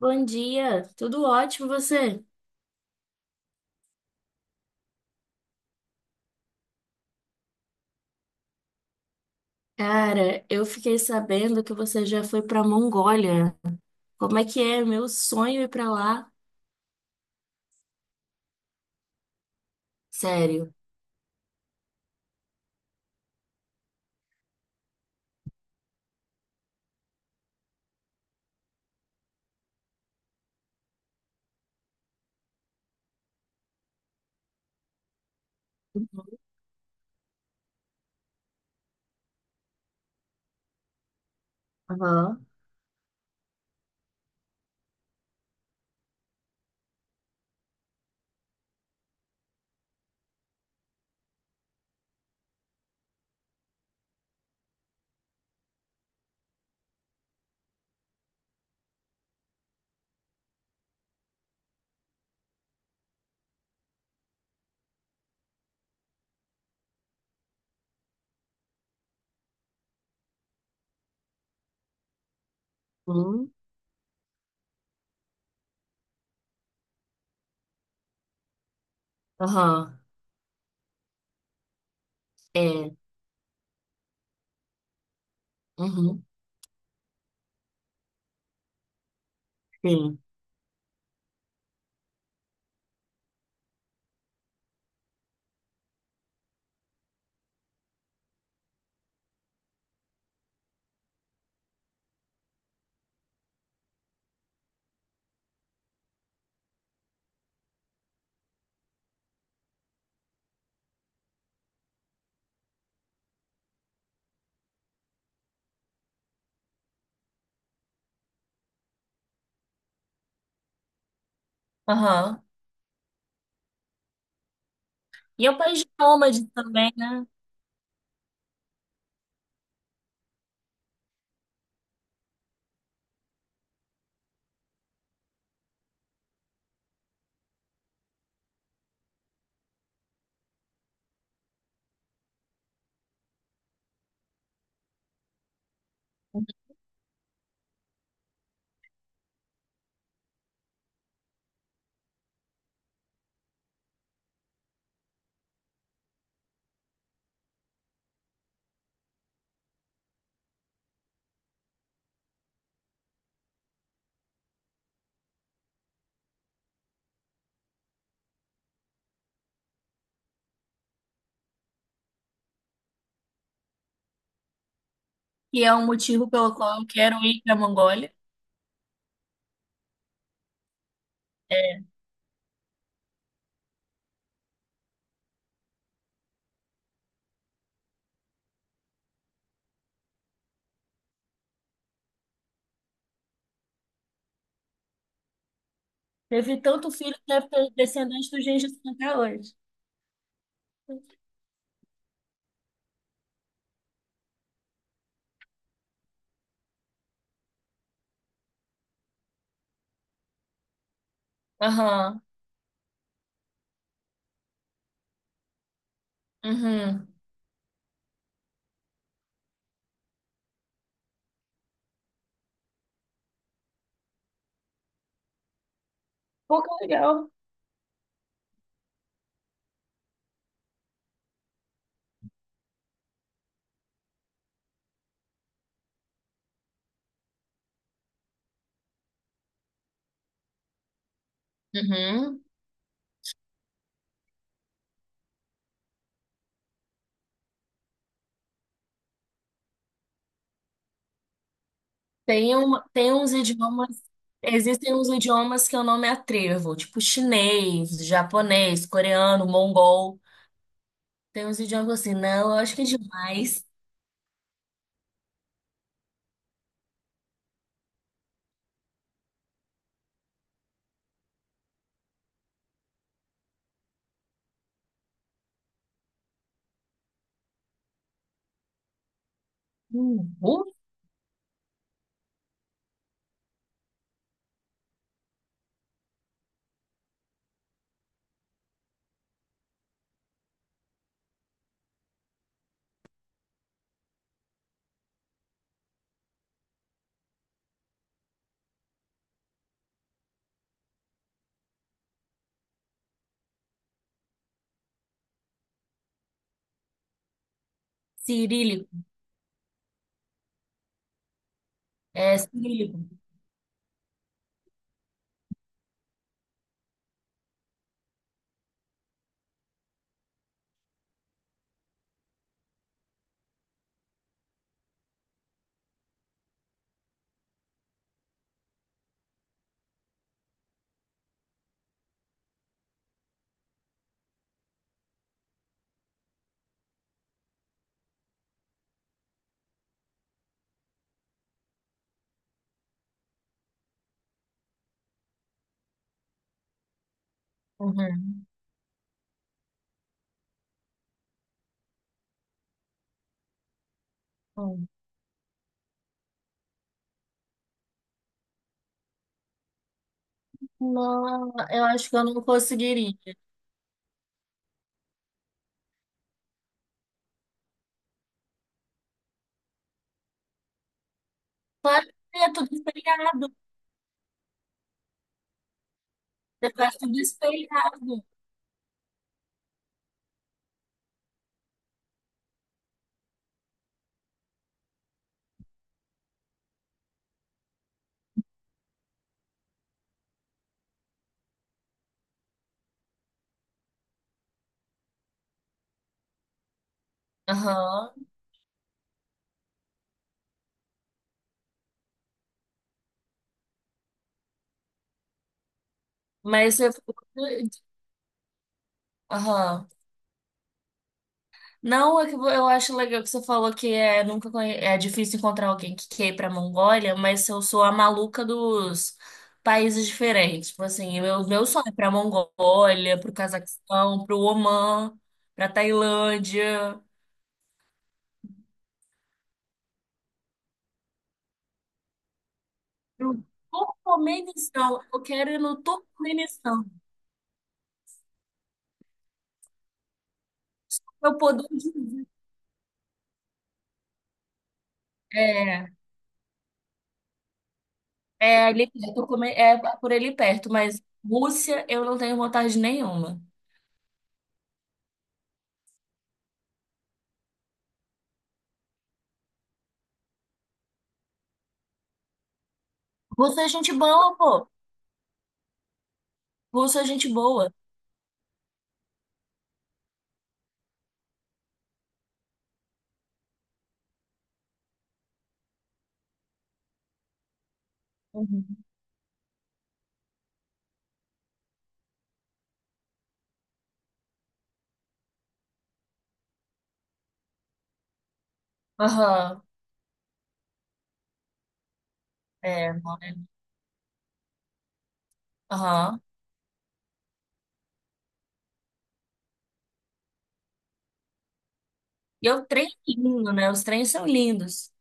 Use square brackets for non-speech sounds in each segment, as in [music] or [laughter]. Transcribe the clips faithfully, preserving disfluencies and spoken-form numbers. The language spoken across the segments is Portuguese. Bom dia, tudo ótimo você? Cara, eu fiquei sabendo que você já foi pra Mongólia. Como é que é? É Meu sonho é ir pra lá. Sério. Aham. Uhum. Aham. É. Uhum. Sim. Aham. E é um país de nômades também, né? Que é um motivo pelo qual eu quero ir pra Mongólia. É. Teve tanto filho que deve descendente do Gengis Khan até hoje. Aham. Uhum. Pô, que legal. Uhum. Tem, um, tem uns idiomas, existem uns idiomas que eu não me atrevo, tipo chinês, japonês, coreano, mongol. Tem uns idiomas assim, não, eu acho que é demais. Hum, uh, cirílico, é cirílico. Uhum. Hum. Não, eu acho que eu não conseguiria. Claro que é tudo espelhado, você faz tudo espelhado. Aham, mas você. Aham. Não, é que eu acho legal que você falou que é, nunca conhe- é difícil encontrar alguém que quer ir pra Mongólia, mas eu sou a maluca dos países diferentes. Tipo assim, meu, meu sonho é pra Mongólia, pro Cazaquistão, pro Omã, pra Tailândia, pro Turcomenistão. Eu quero ir no Turcomenistão. Eu poder dizer. É, é ali perto, Turcomen- é por ali perto, mas Rússia eu não tenho vontade nenhuma. Rússia é gente boa, pô. Rússia é gente boa. Aham, é, mora. Aham. E o trem é lindo, né? Os trens são lindos.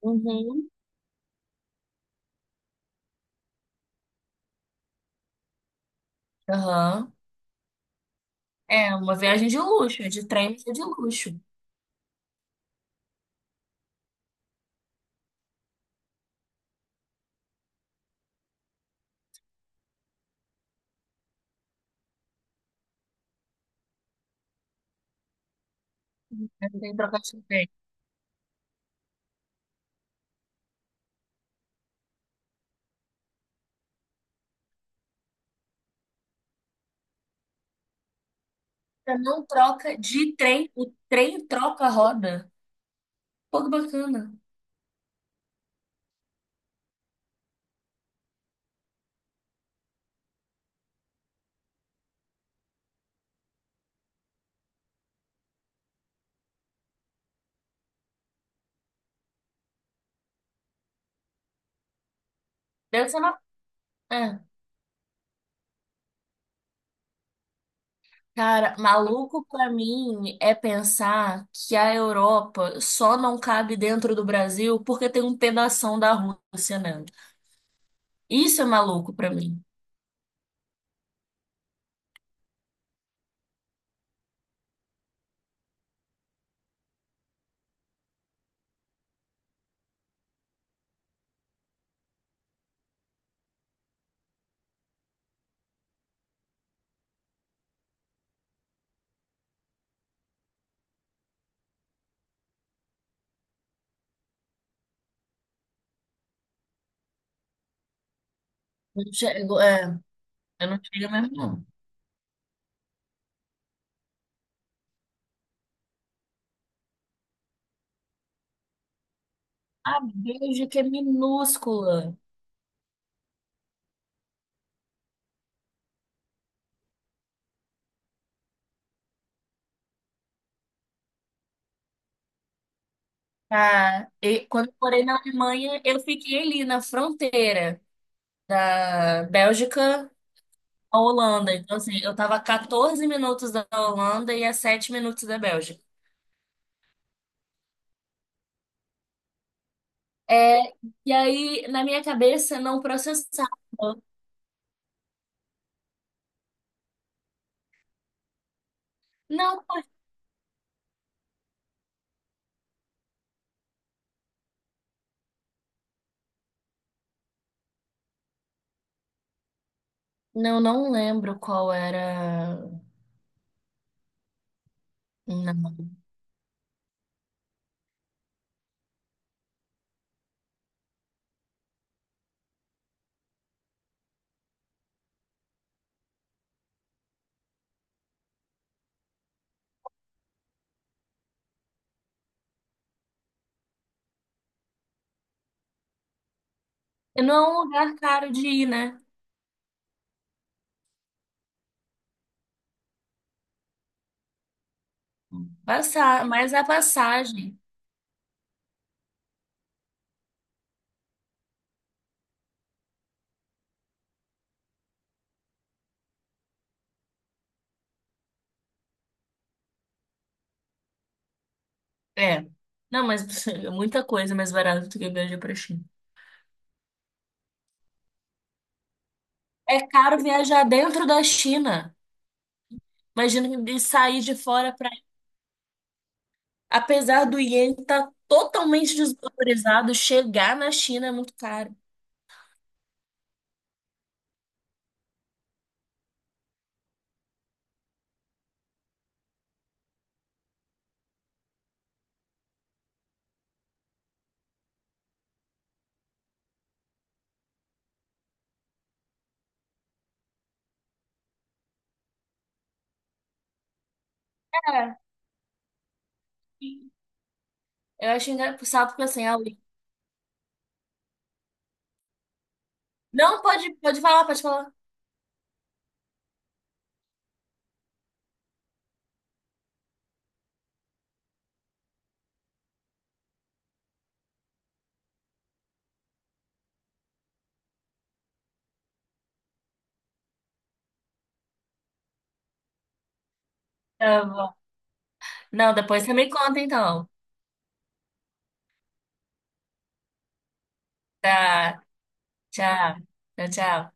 Uhum. Aham. É uma viagem de luxo, é de trem, é de luxo. Né? Não tem troca de trem. Você não troca de trem, o trem troca a roda. Pô, que bacana. Deve ser uma. É. Cara, maluco pra mim é pensar que a Europa só não cabe dentro do Brasil porque tem um pedação da Rússia, né? Isso é maluco pra mim. Não chego- é. Eu não chego mesmo, não. A Bélgica é minúscula. Tá? E quando eu morei na Alemanha, eu fiquei ali na fronteira da Bélgica à Holanda. Então, assim, eu tava a quatorze minutos da Holanda e a sete minutos da Bélgica. É, e aí, na minha cabeça, não processava. Não, não, não lembro qual era. Não. Não é um lugar caro de ir, né? Passar, mas a passagem. É. Não, mas [laughs] é muita coisa mais barata do que viajar pra China. É caro viajar dentro da China. Imagina de sair de fora para. Apesar do iene estar totalmente desvalorizado, chegar na China é muito caro. É. Eu acho engraçado porque assim, a Ui- Não, pode, pode falar, pode falar. Tá bom. Não, depois você me conta então. Tá, tchau. Tchau, tchau.